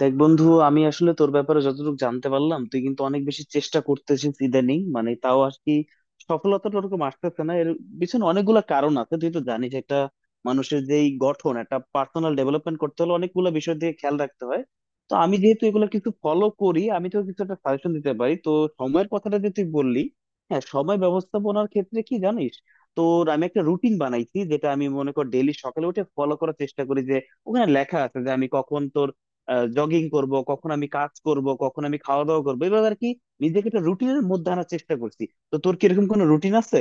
দেখ বন্ধু, আমি আসলে তোর ব্যাপারে যতটুকু জানতে পারলাম তুই কিন্তু অনেক বেশি চেষ্টা করতেছিস ইদানিং, মানে তাও আর কি সফলতাটা ওরকম আসতেছে না। এর পিছনে অনেকগুলা কারণ আছে, তুই তো জানিস। একটা মানুষের যেই গঠন, একটা পার্সোনাল ডেভেলপমেন্ট করতে হলে অনেকগুলো বিষয় দিয়ে খেয়াল রাখতে হয়। তো আমি যেহেতু এগুলো কিছু ফলো করি, আমি তো কিছু একটা সাজেশন দিতে পারি। তো সময়ের কথাটা যে তুই বললি, হ্যাঁ, সময় ব্যবস্থাপনার ক্ষেত্রে কি জানিস, তোর আমি একটা রুটিন বানাইছি, যেটা আমি মনে কর ডেইলি সকালে উঠে ফলো করার চেষ্টা করি। যে ওখানে লেখা আছে যে আমি কখন তোর জগিং করব, কখন আমি কাজ করব, কখন আমি খাওয়া দাওয়া করবো, এভাবে আর কি নিজেকে একটা রুটিনের মধ্যে আনার চেষ্টা করছি। তো তোর কি এরকম কোনো রুটিন আছে?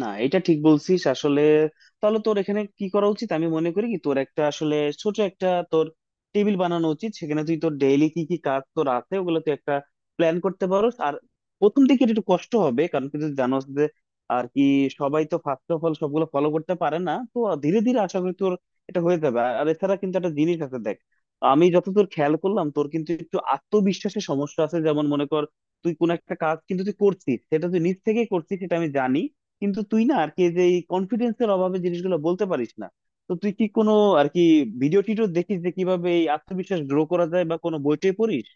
না, এটা ঠিক বলছিস আসলে। তাহলে তোর এখানে কি করা উচিত, আমি মনে করি কি তোর একটা আসলে ছোট একটা তোর টেবিল বানানো উচিত। সেখানে তুই তোর ডেইলি কি কি কাজ তোর আছে, ওগুলো তুই একটা প্ল্যান করতে পারো। আর প্রথম দিকে এটা একটু কষ্ট হবে, কারণ তুই যদি জানোস যে আর কি সবাই তো ফার্স্ট অফ অল সবগুলো ফলো করতে পারে না। তো ধীরে ধীরে আশা করি তোর এটা হয়ে যাবে। আর আর এছাড়া কিন্তু একটা জিনিস আছে, দেখ, আমি যতদূর খেয়াল করলাম, তোর কিন্তু একটু আত্মবিশ্বাসের সমস্যা আছে। যেমন মনে কর, তুই কোন একটা কাজ কিন্তু তুই করছিস, সেটা তুই নিজ থেকেই করছিস, সেটা আমি জানি। কিন্তু তুই না আর কি যে এই কনফিডেন্সের অভাবে জিনিসগুলো বলতে পারিস না। তো তুই কি কোনো আর কি ভিডিও টিডিও দেখিস যে কিভাবে এই আত্মবিশ্বাস গ্রো করা যায়, বা কোনো বই টই পড়িস?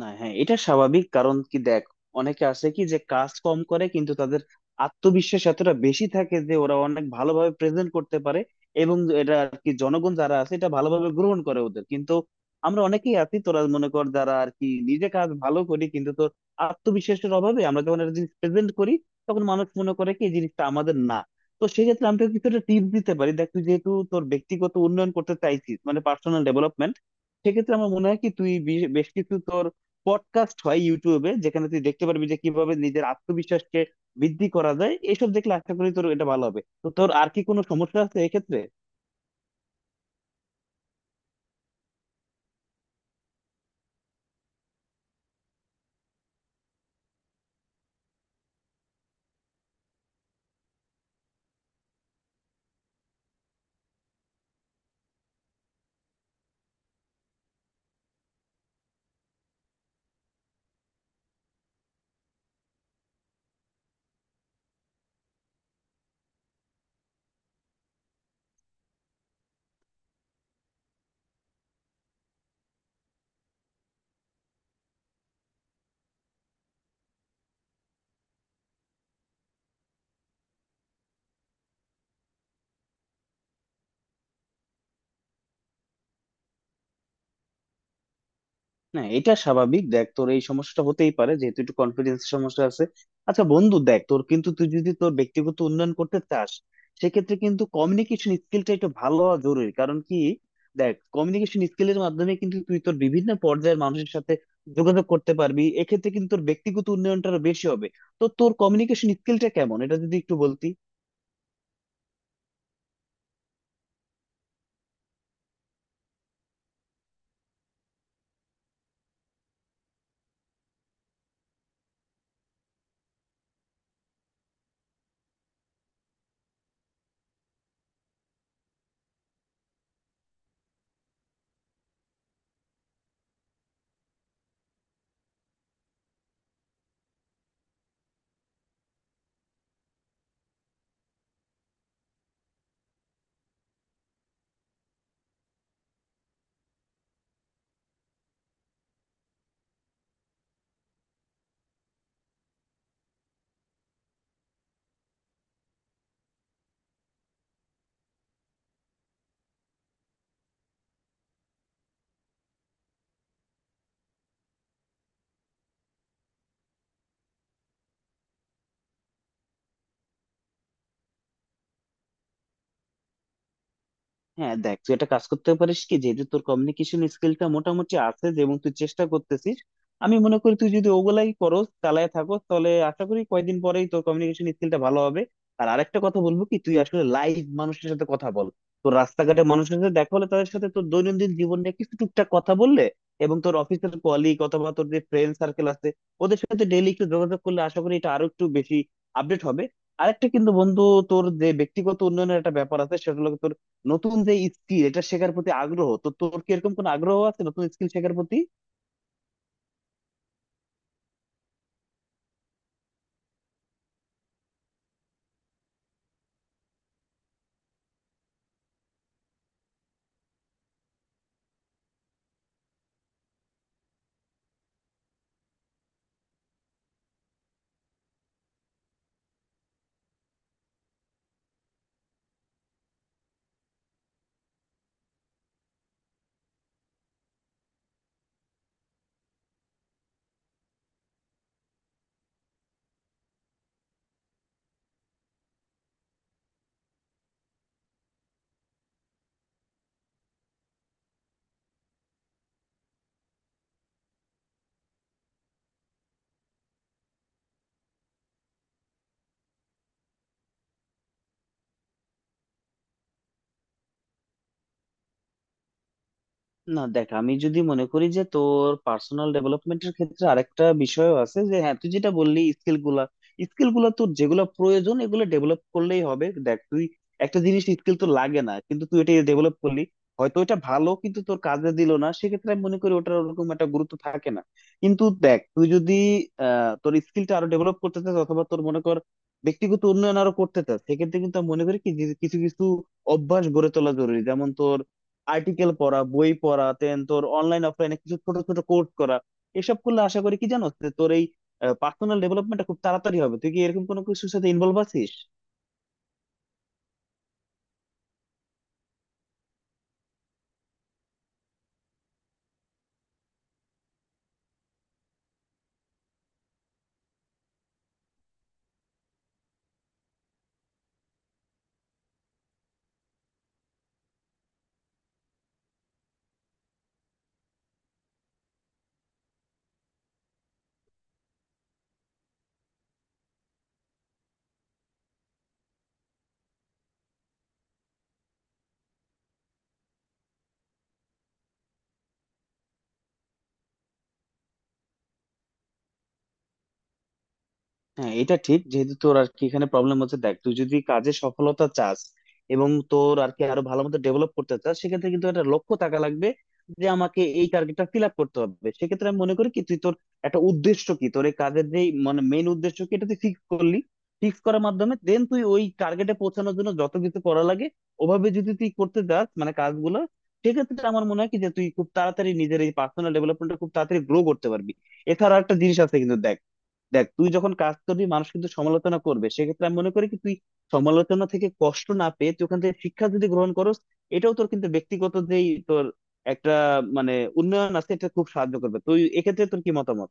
না। হ্যাঁ, এটা স্বাভাবিক, কারণ কি দেখ, অনেকে আছে কি যে কাজ কম করে কিন্তু তাদের আত্মবিশ্বাস এতটা বেশি থাকে যে ওরা অনেক ভালোভাবে প্রেজেন্ট করতে পারে, এবং এটা আর কি জনগণ যারা আছে এটা ভালোভাবে গ্রহণ করে ওদের। কিন্তু আমরা অনেকেই আছি, তোরা মনে কর, যারা আর কি নিজে কাজ ভালো করি কিন্তু তোর আত্মবিশ্বাসের অভাবে আমরা যখন একটা জিনিস প্রেজেন্ট করি, তখন মানুষ মনে করে কি এই জিনিসটা আমাদের না। তো সেক্ষেত্রে আমি তোকে কিছুটা টিপস দিতে পারি। দেখ, তুই যেহেতু তোর ব্যক্তিগত উন্নয়ন করতে চাইছিস, মানে পার্সোনাল ডেভেলপমেন্ট, সেক্ষেত্রে আমার মনে হয় কি তুই বেশ বেশ কিছু তোর পডকাস্ট হয় ইউটিউবে, যেখানে তুই দেখতে পারবি যে কিভাবে নিজের আত্মবিশ্বাসকে বৃদ্ধি করা যায়। এসব দেখলে আশা করি তোর এটা ভালো হবে। তো তোর আর কি কোনো সমস্যা আছে এক্ষেত্রে? না, এটা স্বাভাবিক। দেখ, তোর এই সমস্যাটা হতেই পারে, যেহেতু একটু কনফিডেন্স সমস্যা আছে। আচ্ছা বন্ধু, দেখ তোর কিন্তু তুই যদি তোর ব্যক্তিগত উন্নয়ন করতে চাস, সেক্ষেত্রে কিন্তু কমিউনিকেশন স্কিলটা একটু ভালো হওয়া জরুরি। কারণ কি দেখ, কমিউনিকেশন স্কিলের মাধ্যমে কিন্তু তুই তোর বিভিন্ন পর্যায়ের মানুষের সাথে যোগাযোগ করতে পারবি। এক্ষেত্রে কিন্তু তোর ব্যক্তিগত উন্নয়নটা আরো বেশি হবে। তো তোর কমিউনিকেশন স্কিলটা কেমন, এটা যদি একটু বলতি। হ্যাঁ দেখ, তুই একটা কাজ করতে পারিস কি, যেহেতু তোর কমিউনিকেশন স্কিলটা মোটামুটি আছে যে, এবং তুই চেষ্টা করতেছিস, আমি মনে করি তুই যদি ওগুলাই করো চালায় থাকো, তাহলে আশা করি কয়েকদিন পরেই তোর কমিউনিকেশন স্কিলটা ভালো হবে। আর আরেকটা কথা বলবো কি, তুই আসলে লাইভ মানুষের সাথে কথা বল। তোর রাস্তাঘাটে মানুষের সাথে দেখা হলে তাদের সাথে তোর দৈনন্দিন জীবন নিয়ে কিছু টুকটাক কথা বললে, এবং তোর অফিসের কলিগ অথবা তোর যে ফ্রেন্ড সার্কেল আছে ওদের সাথে ডেইলি একটু যোগাযোগ করলে, আশা করি এটা আরো একটু বেশি আপডেট হবে। আরেকটা কিন্তু বন্ধু, তোর যে ব্যক্তিগত উন্নয়নের একটা ব্যাপার আছে, সেটা হলো তোর নতুন যে স্কিল, এটা শেখার প্রতি আগ্রহ। তো তোর কি এরকম কোনো আগ্রহ আছে নতুন স্কিল শেখার প্রতি? না দেখ, আমি যদি মনে করি যে তোর পার্সোনাল ডেভেলপমেন্টের ক্ষেত্রে আরেকটা বিষয়ও আছে যে, হ্যাঁ তুই যেটা বললি স্কিল গুলা, স্কিল গুলা তোর যেগুলো প্রয়োজন, এগুলো ডেভেলপ করলেই হবে। দেখ তুই একটা জিনিস, স্কিল তো লাগে না কিন্তু তুই এটা ডেভেলপ করলি, হয়তো এটা ভালো কিন্তু তোর কাজে দিল না, সেক্ষেত্রে আমি মনে করি ওটার ওরকম একটা গুরুত্ব থাকে না। কিন্তু দেখ, তুই যদি তোর স্কিলটা আরো ডেভেলপ করতে চাস, অথবা তোর মনে কর ব্যক্তিগত উন্নয়ন আরো করতে চাস, সেক্ষেত্রে কিন্তু আমি মনে করি কি যে কিছু কিছু অভ্যাস গড়ে তোলা জরুরি। যেমন তোর আর্টিকেল পড়া, বই পড়া, দেন তোর অনলাইন অফলাইনে কিছু ছোট ছোট কোর্স করা, এসব করলে আশা করি কি জানো যে তোর এই পার্সোনাল ডেভেলপমেন্টটা খুব তাড়াতাড়ি হবে। তুই কি এরকম কোনো কিছুর সাথে ইনভলভ আছিস? হ্যাঁ, এটা ঠিক, যেহেতু তোর আর কি এখানে প্রবলেম হচ্ছে। দেখ, তুই যদি কাজে সফলতা চাস, এবং তোর আর কি আরো ভালো মতো ডেভেলপ করতে চাস, সেক্ষেত্রে কিন্তু একটা লক্ষ্য থাকা লাগবে যে আমাকে এই টার্গেটটা ফিল আপ করতে হবে। সেক্ষেত্রে আমি মনে করি কি তুই তোর একটা উদ্দেশ্য, কি তোর এই কাজের যে মানে মেইন উদ্দেশ্য কি, এটা তুই ফিক্স করলি। ফিক্স করার মাধ্যমে দেন তুই ওই টার্গেটে পৌঁছানোর জন্য যত কিছু করা লাগে, ওভাবে যদি তুই করতে চাস মানে কাজগুলো, সেক্ষেত্রে আমার মনে হয় কি যে তুই খুব তাড়াতাড়ি নিজের এই পার্সোনাল ডেভেলপমেন্টটা খুব তাড়াতাড়ি গ্রো করতে পারবি। এছাড়া একটা জিনিস আছে কিন্তু দেখ, দেখ তুই যখন কাজ করবি, মানুষ কিন্তু সমালোচনা করবে। সেক্ষেত্রে আমি মনে করি কি তুই সমালোচনা থেকে কষ্ট না পেয়ে তুই ওখান থেকে শিক্ষা যদি গ্রহণ করস, এটাও তোর কিন্তু ব্যক্তিগত যেই তোর একটা মানে উন্নয়ন আছে, এটা খুব সাহায্য করবে। তুই এক্ষেত্রে তোর কি মতামত?